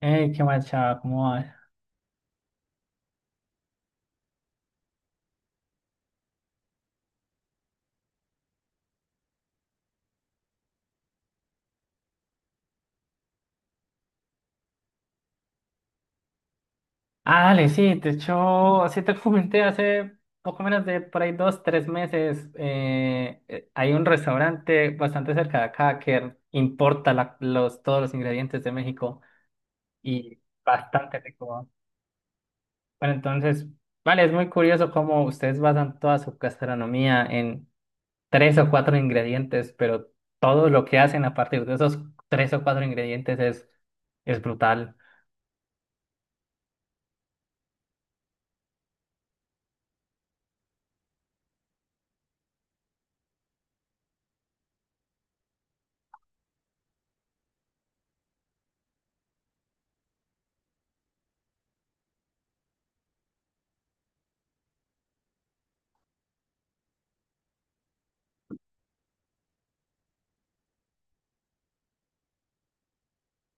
Hey, qué guacha, ¿cómo vas? Ah, dale, sí, de hecho, sí te comenté hace poco menos de por ahí 2, 3 meses. Hay un restaurante bastante cerca de acá que importa todos los ingredientes de México y bastante rico. Bueno, entonces, vale, es muy curioso cómo ustedes basan toda su gastronomía en tres o cuatro ingredientes, pero todo lo que hacen a partir de esos tres o cuatro ingredientes es brutal.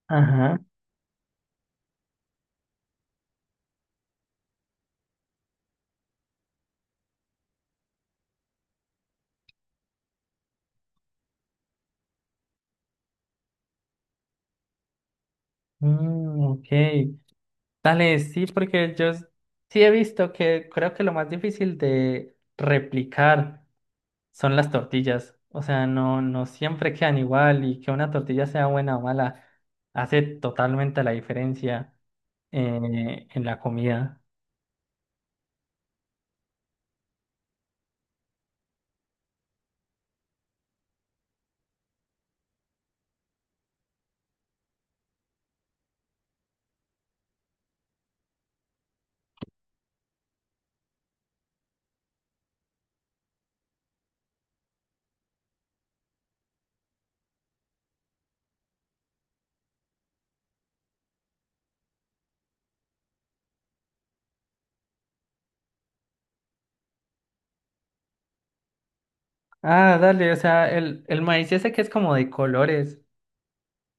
Ajá, mm, ok. Dale, sí, porque yo sí he visto que creo que lo más difícil de replicar son las tortillas. O sea, no, no siempre quedan igual y que una tortilla sea buena o mala hace totalmente la diferencia en la comida. Ah, dale, o sea, el maíz ese que es como de colores,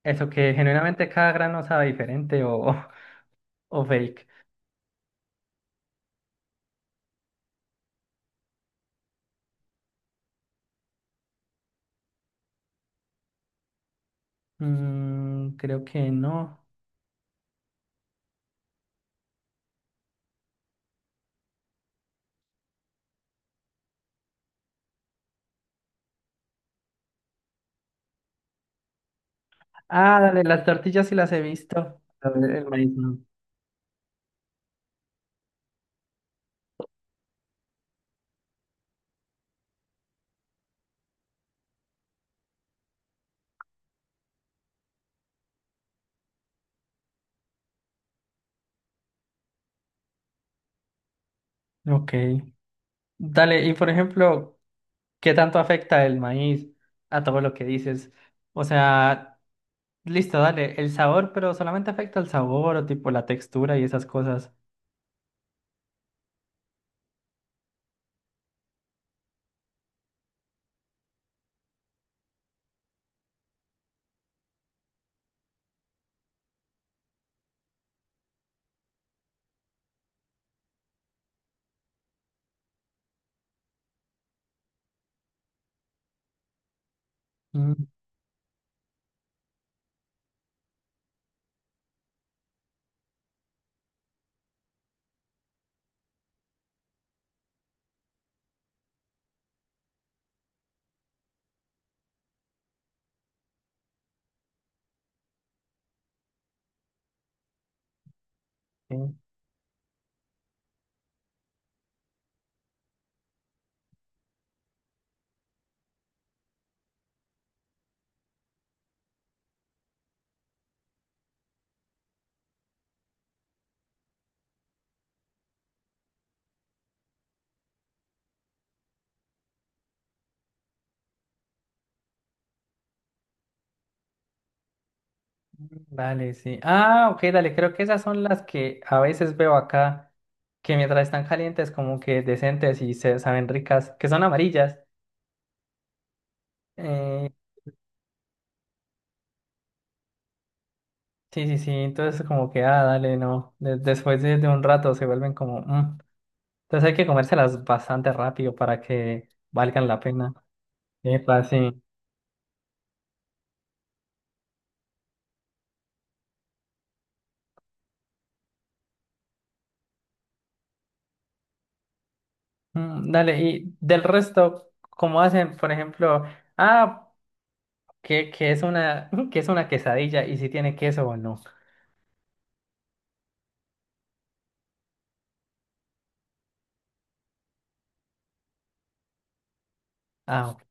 eso que generalmente cada grano sabe diferente o, o fake. Creo que no. Ah, dale, las tortillas sí las he visto, pero el maíz no. Ok. Dale, y por ejemplo, ¿qué tanto afecta el maíz a todo lo que dices? O sea, listo, dale, el sabor, pero solamente afecta el sabor o tipo la textura y esas cosas. Mm, ok. Dale, sí. Ah, ok, dale, creo que esas son las que a veces veo acá, que mientras están calientes como que decentes y se saben ricas, que son amarillas. Eh, sí, sí, sí, entonces como que, ah, dale, no, después de un rato se vuelven como... mm. Entonces hay que comérselas bastante rápido para que valgan la pena. Epa, sí. Mm, dale, y del resto, ¿cómo hacen, por ejemplo, ah, que es una, que es una quesadilla y si tiene queso o no? Ah, ok,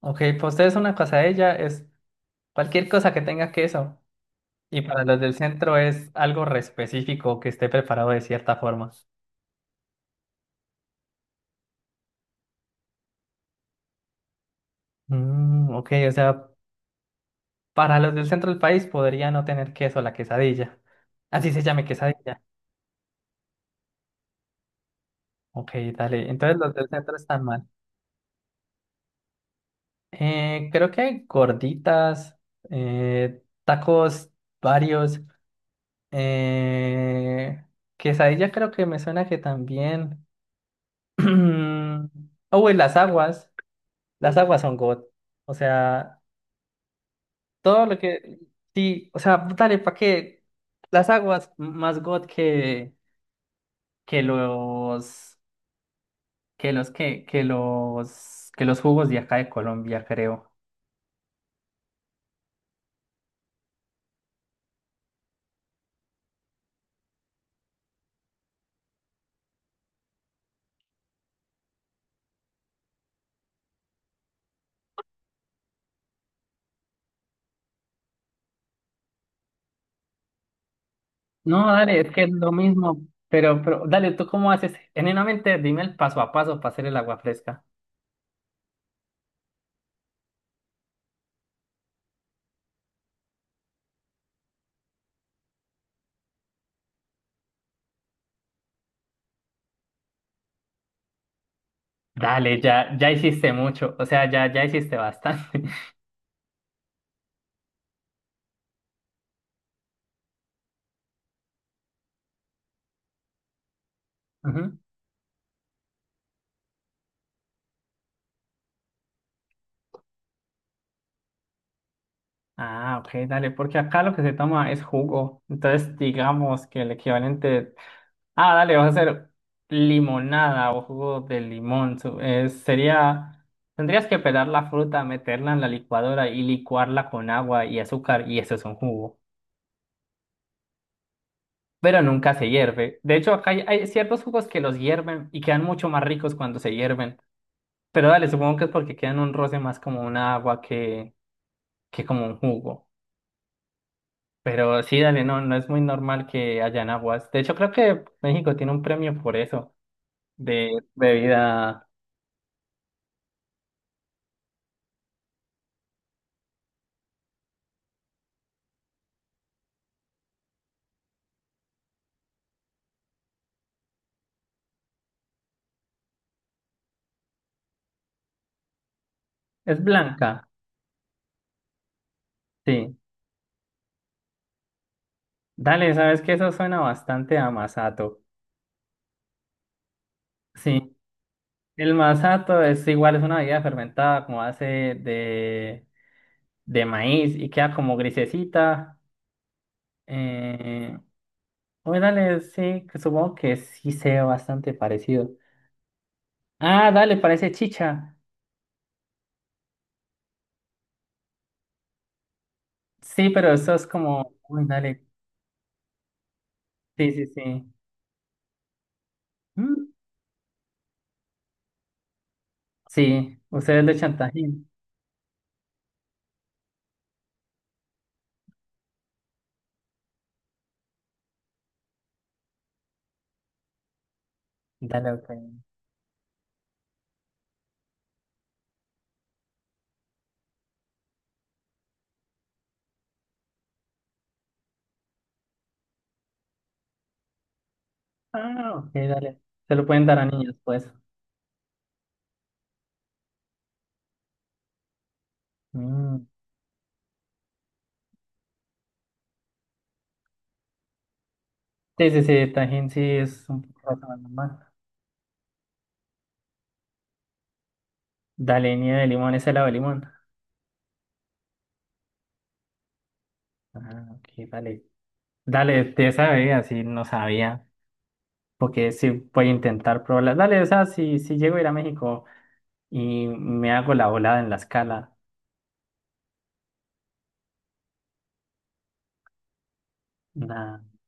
ok, para ustedes una quesadilla es cualquier cosa que tenga queso. Y para los del centro es algo re específico que esté preparado de cierta forma. Mm, ok, o sea, para los del centro del país podría no tener queso la quesadilla. Así se llame quesadilla. Ok, dale. Entonces los del centro están mal. Creo que hay gorditas, tacos varios, eh, quesadilla creo que me suena que también. Oh, y las aguas. Las aguas son God. O sea, todo lo que... Sí, o sea, dale, ¿para qué? Las aguas más God que los... que los jugos de acá de Colombia, creo. No, dale, es que es lo mismo, pero dale, ¿tú cómo haces? Genuinamente, dime el paso a paso para hacer el agua fresca. Dale, ya, ya hiciste mucho, o sea, ya, ya hiciste bastante. Ujú. Ah, ok, dale, porque acá lo que se toma es jugo, entonces digamos que el equivalente, ah, dale, vas a hacer limonada o jugo de limón, sería, tendrías que pelar la fruta, meterla en la licuadora y licuarla con agua y azúcar y eso es un jugo. Pero nunca se hierve. De hecho, acá hay ciertos jugos que los hierven y quedan mucho más ricos cuando se hierven. Pero dale, supongo que es porque quedan un roce más como un agua que como un jugo. Pero sí, dale, no, no es muy normal que hayan aguas. De hecho, creo que México tiene un premio por eso, de bebida. Es blanca, sí. Dale, sabes que eso suena bastante a masato. Sí, el masato es igual, es una bebida fermentada como hace de maíz y queda como grisecita. Eh, Oye, dale, sí, que supongo que sí sea bastante parecido. Ah, dale, parece chicha. Sí, pero eso es como, uy, dale, sí, sí, sí. Mm, sí, ustedes le echan tajín. Dale, ok. Ah, ok, dale. Se lo pueden dar a niños, pues. Mm, sí, sí, sí, tajín sí es un poco más normal. Dale, nieve de limón, es helado de limón. Ah, ok, dale. Dale, te sabía, sí, no sabía. Porque sí voy a intentar probarla. Dale, o sea, si, si llego a ir a México. Y me hago la volada en la escala. Nada.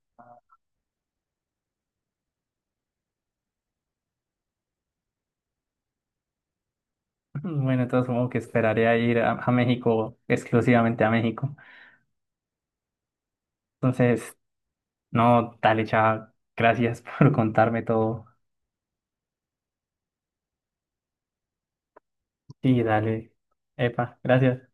Bueno, entonces supongo que esperaré a ir a México, exclusivamente a México. Entonces, no, dale, chava, gracias por contarme todo. Sí, dale. Epa, gracias.